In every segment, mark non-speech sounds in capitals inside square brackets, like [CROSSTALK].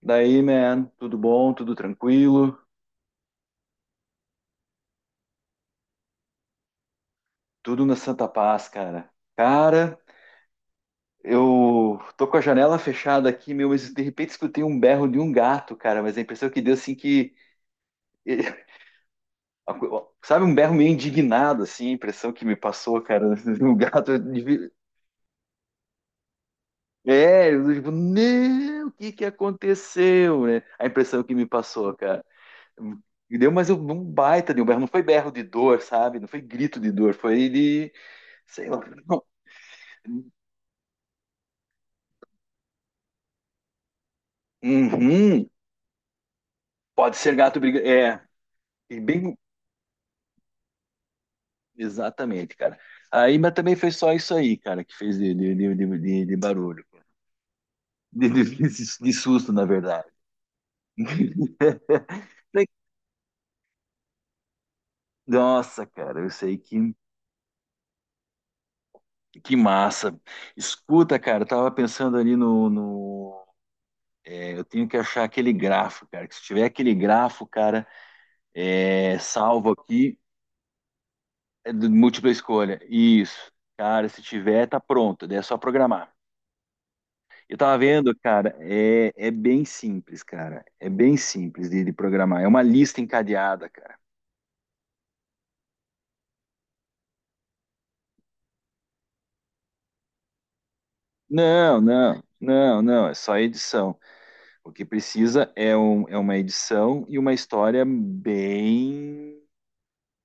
Daí, man, tudo bom, tudo tranquilo, tudo na Santa Paz, cara. Cara, eu tô com a janela fechada aqui, meu, mas de repente escutei um berro de um gato, cara, mas a impressão que deu, assim, que... [LAUGHS] Sabe, um berro meio indignado, assim, a impressão que me passou, cara, [LAUGHS] um gato... É, eu, tipo, não, o que que aconteceu, né? A impressão que me passou, cara. E deu, mas eu, um baita de um berro, não foi berro de dor, sabe? Não foi grito de dor, foi de... Sei lá. Uhum, pode ser gato brigando. É, e bem, exatamente, cara. Aí, mas também foi só isso aí, cara, que fez de barulho. De susto, na verdade. [LAUGHS] Nossa, cara, eu sei que massa. Escuta, cara, eu tava pensando ali no. Eu tenho que achar aquele grafo, cara. Que se tiver aquele grafo, cara, salvo aqui, é de múltipla escolha. Isso. Cara, se tiver, tá pronto. Daí é só programar. Eu tava vendo, cara, é bem simples, cara. É bem simples de programar. É uma lista encadeada, cara. Não, não, não, não. É só edição. O que precisa é, é uma edição e uma história bem,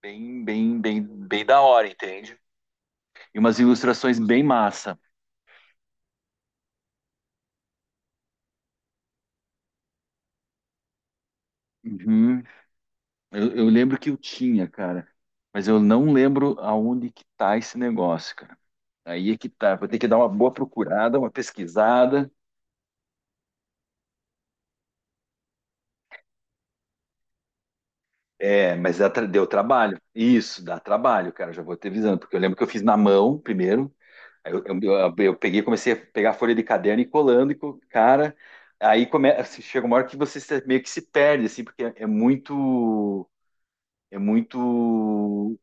bem, bem, bem, bem da hora, entende? E umas ilustrações bem massa. Uhum. Eu lembro que eu tinha, cara, mas eu não lembro aonde que tá esse negócio, cara. Aí é que tá. Vou ter que dar uma boa procurada, uma pesquisada. É, mas deu trabalho. Isso, dá trabalho, cara. Já vou te avisando, porque eu lembro que eu fiz na mão primeiro. Aí eu peguei, comecei a pegar a folha de caderno e colando, cara. Assim, chega uma hora que você se- meio que se perde, assim, porque é muito. É muito.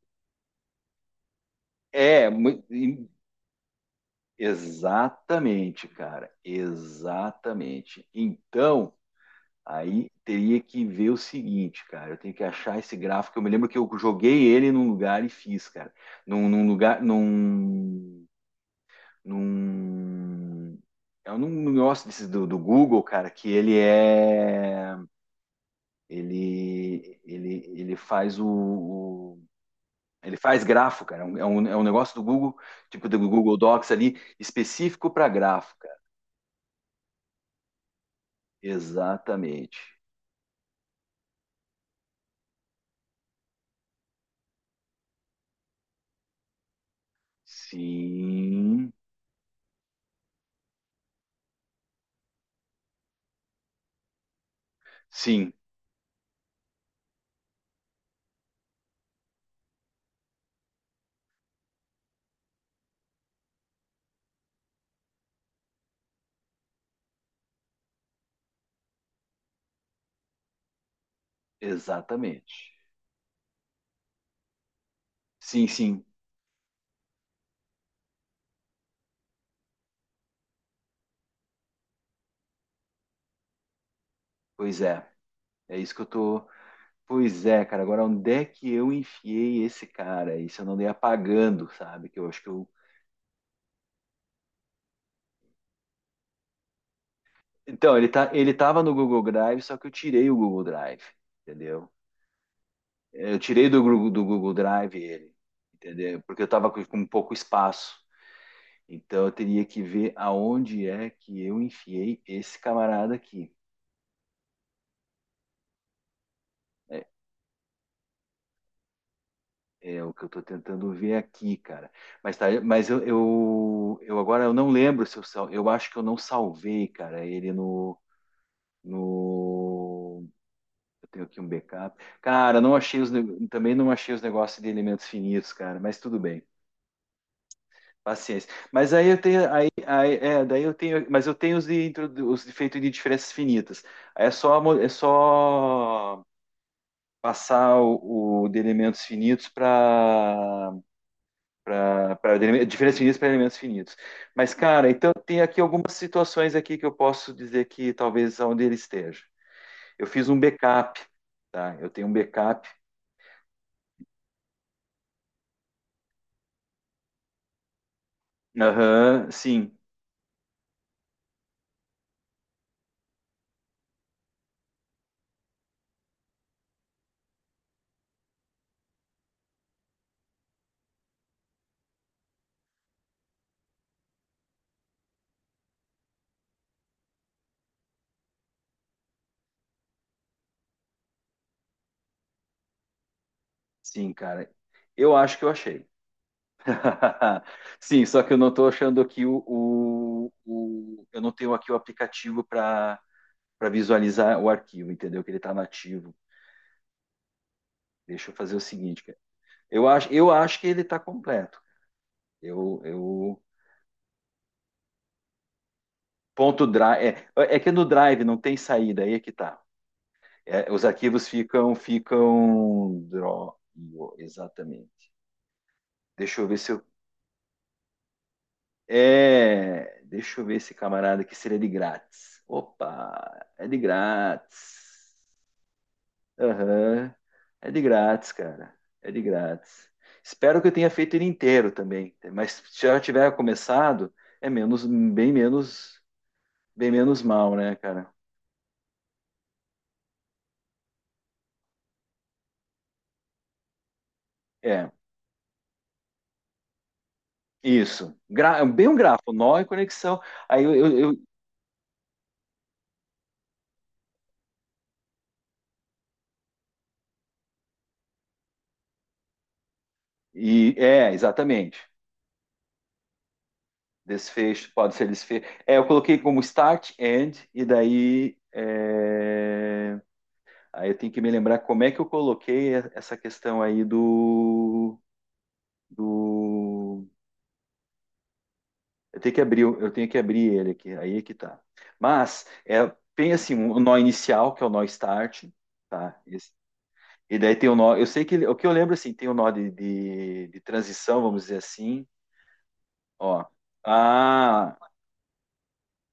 É, mu- e- Exatamente, cara. Exatamente. Então. Aí teria que ver o seguinte, cara. Eu tenho que achar esse gráfico. Eu me lembro que eu joguei ele num lugar e fiz, cara. Num lugar. Num. Num. É um negócio desses do Google, cara, que ele é. Ele faz o. Ele faz grafo, cara. É um negócio do Google, tipo do Google Docs ali, específico para grafo, cara. Exatamente. Sim. Sim, exatamente. Sim, sim, pois é. É isso que eu tô. Pois é, cara. Agora, onde é que eu enfiei esse cara? Isso eu não dei apagando, sabe? Que eu acho que eu. Então, ele tava no Google Drive, só que eu tirei o Google Drive, entendeu? Eu tirei do Google Drive ele, entendeu? Porque eu tava com pouco espaço. Então, eu teria que ver aonde é que eu enfiei esse camarada aqui. É, É o que eu estou tentando ver aqui, cara. Mas tá, mas eu agora eu não lembro se eu sal, eu acho que eu não salvei, cara, ele no. Eu tenho aqui um backup. Cara, não achei os ne- também não achei os negócios de elementos finitos, cara, mas tudo bem. Paciência. Mas aí eu tenho aí, daí eu tenho, mas eu tenho os os de feito de diferenças finitas. Aí é só passar o de elementos finitos para para diferenças finitas para elementos finitos. Mas, cara, então tem aqui algumas situações aqui que eu posso dizer que talvez onde ele esteja. Eu fiz um backup, tá? Eu tenho um backup. Aham, sim, sim, cara. Eu acho que eu achei. [LAUGHS] Sim, só que eu não estou achando aqui eu não tenho aqui o aplicativo para visualizar o arquivo, entendeu? Que ele está nativo. Deixa eu fazer o seguinte, cara. Eu acho que ele está completo. Eu, ponto drive. É que no drive não tem saída, aí é que tá. É, os arquivos Exatamente. Deixa eu ver se eu. É, deixa eu ver esse camarada aqui seria de grátis. Opa, é de grátis. Aham, é de grátis, cara. É de grátis. Espero que eu tenha feito ele inteiro também, mas se já tiver começado, é menos, bem menos, bem menos mal, né, cara? É. Isso. É bem um grafo, nó e conexão. Aí é, exatamente. Desfecho, pode ser desfecho. É, eu coloquei como start, end, e aí eu tenho que me lembrar como é que essa questão aí do. Eu tenho eu tenho que abrir ele aqui, aí é que tá. Mas é, tem assim, o nó inicial, que é o nó start, tá? E daí tem o nó. Eu sei o que eu lembro assim, tem o nó de transição, vamos dizer assim. Ó. Ah,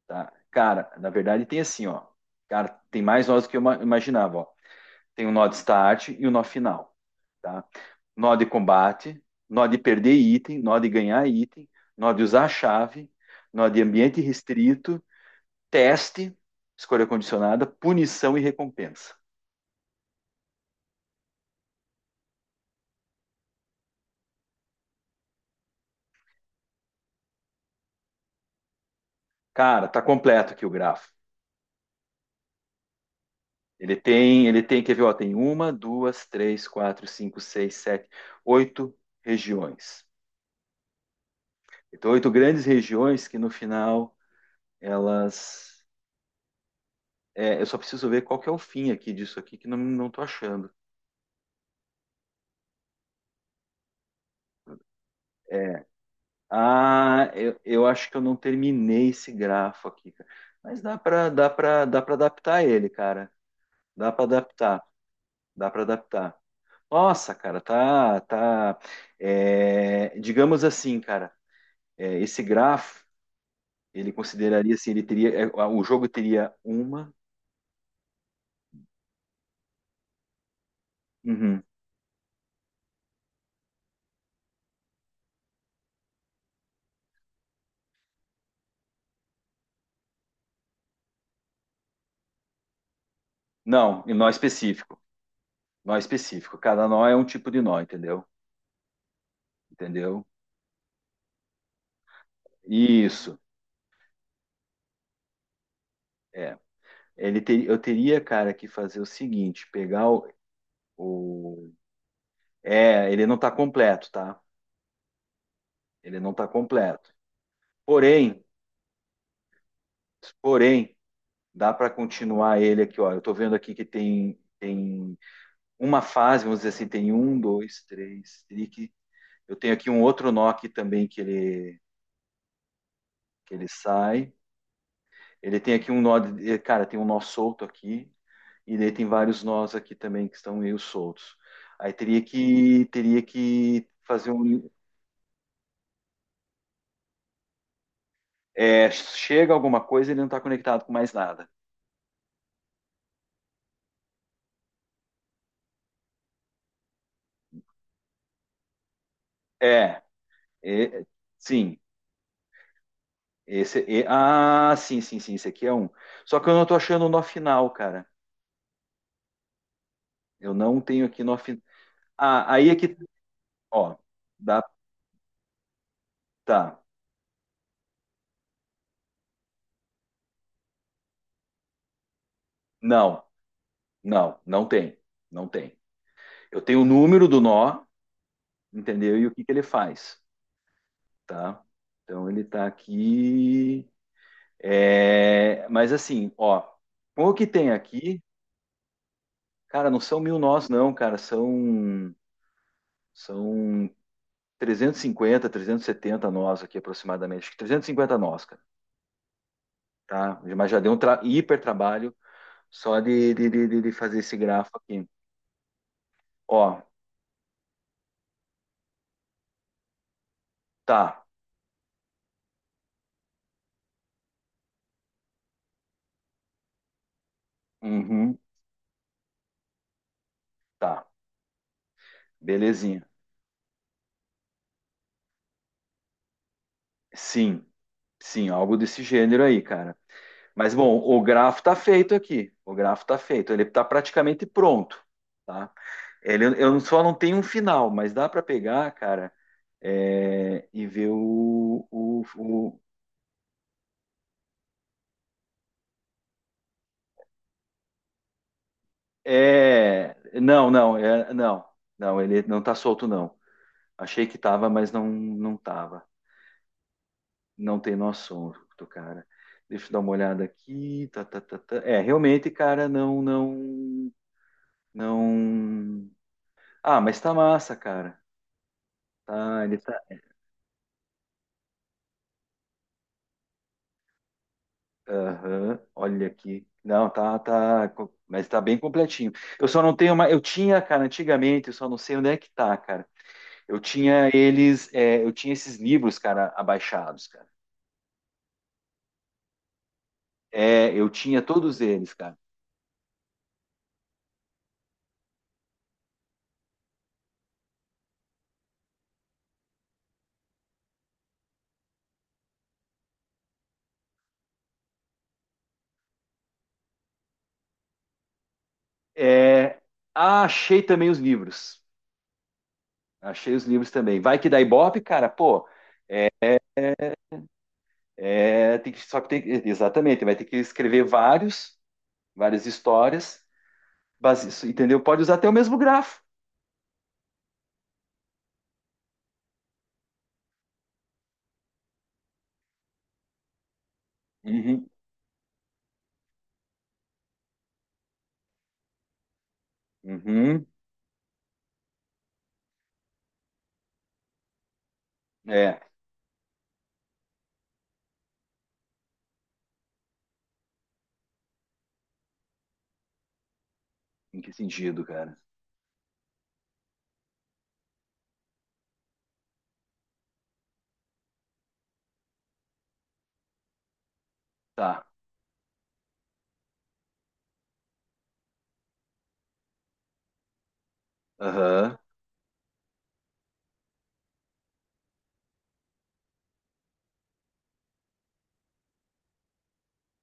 tá. Cara, na verdade tem assim, ó. Cara, tem mais nós do que eu imaginava, ó. Tem o nó de start e o nó final, tá? Nó de combate, nó de perder item, nó de ganhar item, nó de usar a chave, nó de ambiente restrito, teste, escolha condicionada, punição e recompensa. Cara, tá completo aqui o grafo. Quer ver, ó, tem uma, duas, três, quatro, cinco, seis, sete, oito regiões. Então, oito grandes regiões que no final elas. Eu só preciso ver qual que é o fim aqui disso aqui, que não, não tô achando. é Ah, eu acho que eu não terminei esse grafo aqui, cara. Mas dá para adaptar ele, cara. Dá para adaptar, dá para adaptar. Nossa, cara, é, digamos assim, cara, esse grafo ele consideraria assim, ele teria, o jogo teria uma, uhum. Não, e nó específico, nó específico. Cada nó é um tipo de nó, entendeu? Entendeu? Isso, é. Eu teria, cara, que fazer o seguinte, pegar o- é, ele não tá completo, tá? Ele não tá completo. Porém, porém, dá para continuar ele aqui, ó. Eu tô vendo aqui que tem uma fase, vamos dizer assim, tem um, dois, três, trique. Eu tenho aqui um outro nó aqui também que ele ele sai. Ele tem aqui um cara, tem um nó solto aqui, e daí tem vários nós aqui também que estão meio soltos. Aí teria que fazer um. Chega alguma coisa, e ele não está conectado com mais nada. É, é, sim. Ah, sim, sim, sim, esse aqui é um. Só que eu não estou achando o nó final, cara. Eu não tenho aqui nó final. Ah, aí é que, ó, dá, tá. Não, não, não tem. Não tem. Eu tenho o número do nó, entendeu? E o que que ele faz, tá? Então ele tá aqui, mas assim, ó, com o que tem aqui, cara, não são mil nós não, cara, são trezentos e setenta nós aqui aproximadamente. Acho que 350 nós, cara, tá? Mas já deu um hiper trabalho só de fazer esse grafo aqui. Ó, tá, uhum, tá, belezinha. Sim, sim, algo desse gênero aí, cara. Mas bom, o grafo está feito aqui. O grafo está feito. Ele está praticamente pronto, tá? Ele, eu só não tenho um final, mas dá para pegar, cara, e ver é, não, não, é, não, não. Ele não tá solto não. Achei que tava, mas não, não tava. Não tem noção do cara. Deixa eu dar uma olhada aqui. Tá, tá, tá, tá. É, realmente, cara, não, não, não. Ah, mas tá massa, cara. Tá, ele Aham, olha aqui. Não, tá, tá, mas tá bem completinho. Eu só não tenho uma, eu tinha, cara, antigamente, eu só não sei onde é que tá, cara. Eu tinha eles, eu tinha esses livros, cara, abaixados, cara. É, eu tinha todos eles, cara. É, ah, achei também os livros. Achei os livros também. Vai que dá Ibope, cara, pô. É, tem que, só que tem, exatamente, vai ter que escrever várias histórias, base, entendeu? Pode usar até o mesmo grafo. Uhum, uhum. É. Em que sentido, cara? Tá. Aham.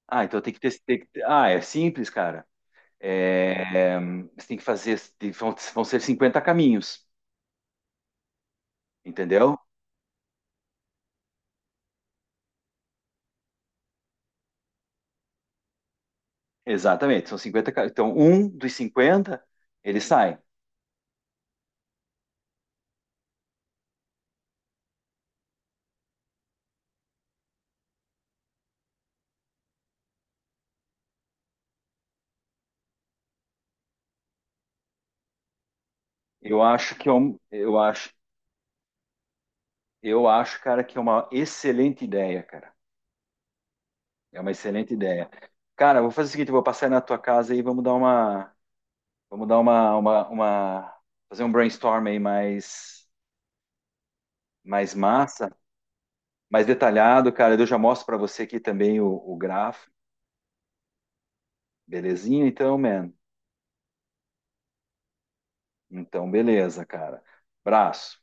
Ah, então tem que ter, ah, é simples, cara. É, é, você tem que fazer. Vão, vão ser 50 caminhos, entendeu? Exatamente. São 50. Então, um dos 50, ele sai. Eu acho que é um, eu acho, cara, que é uma excelente ideia, cara. É uma excelente ideia. Cara, eu vou fazer o seguinte, eu vou passar aí na tua casa e vamos dar fazer um brainstorm aí mais, mais massa. Mais detalhado, cara. Eu já mostro para você aqui também o gráfico, belezinha? Então, man. Então, beleza, cara. Abraço.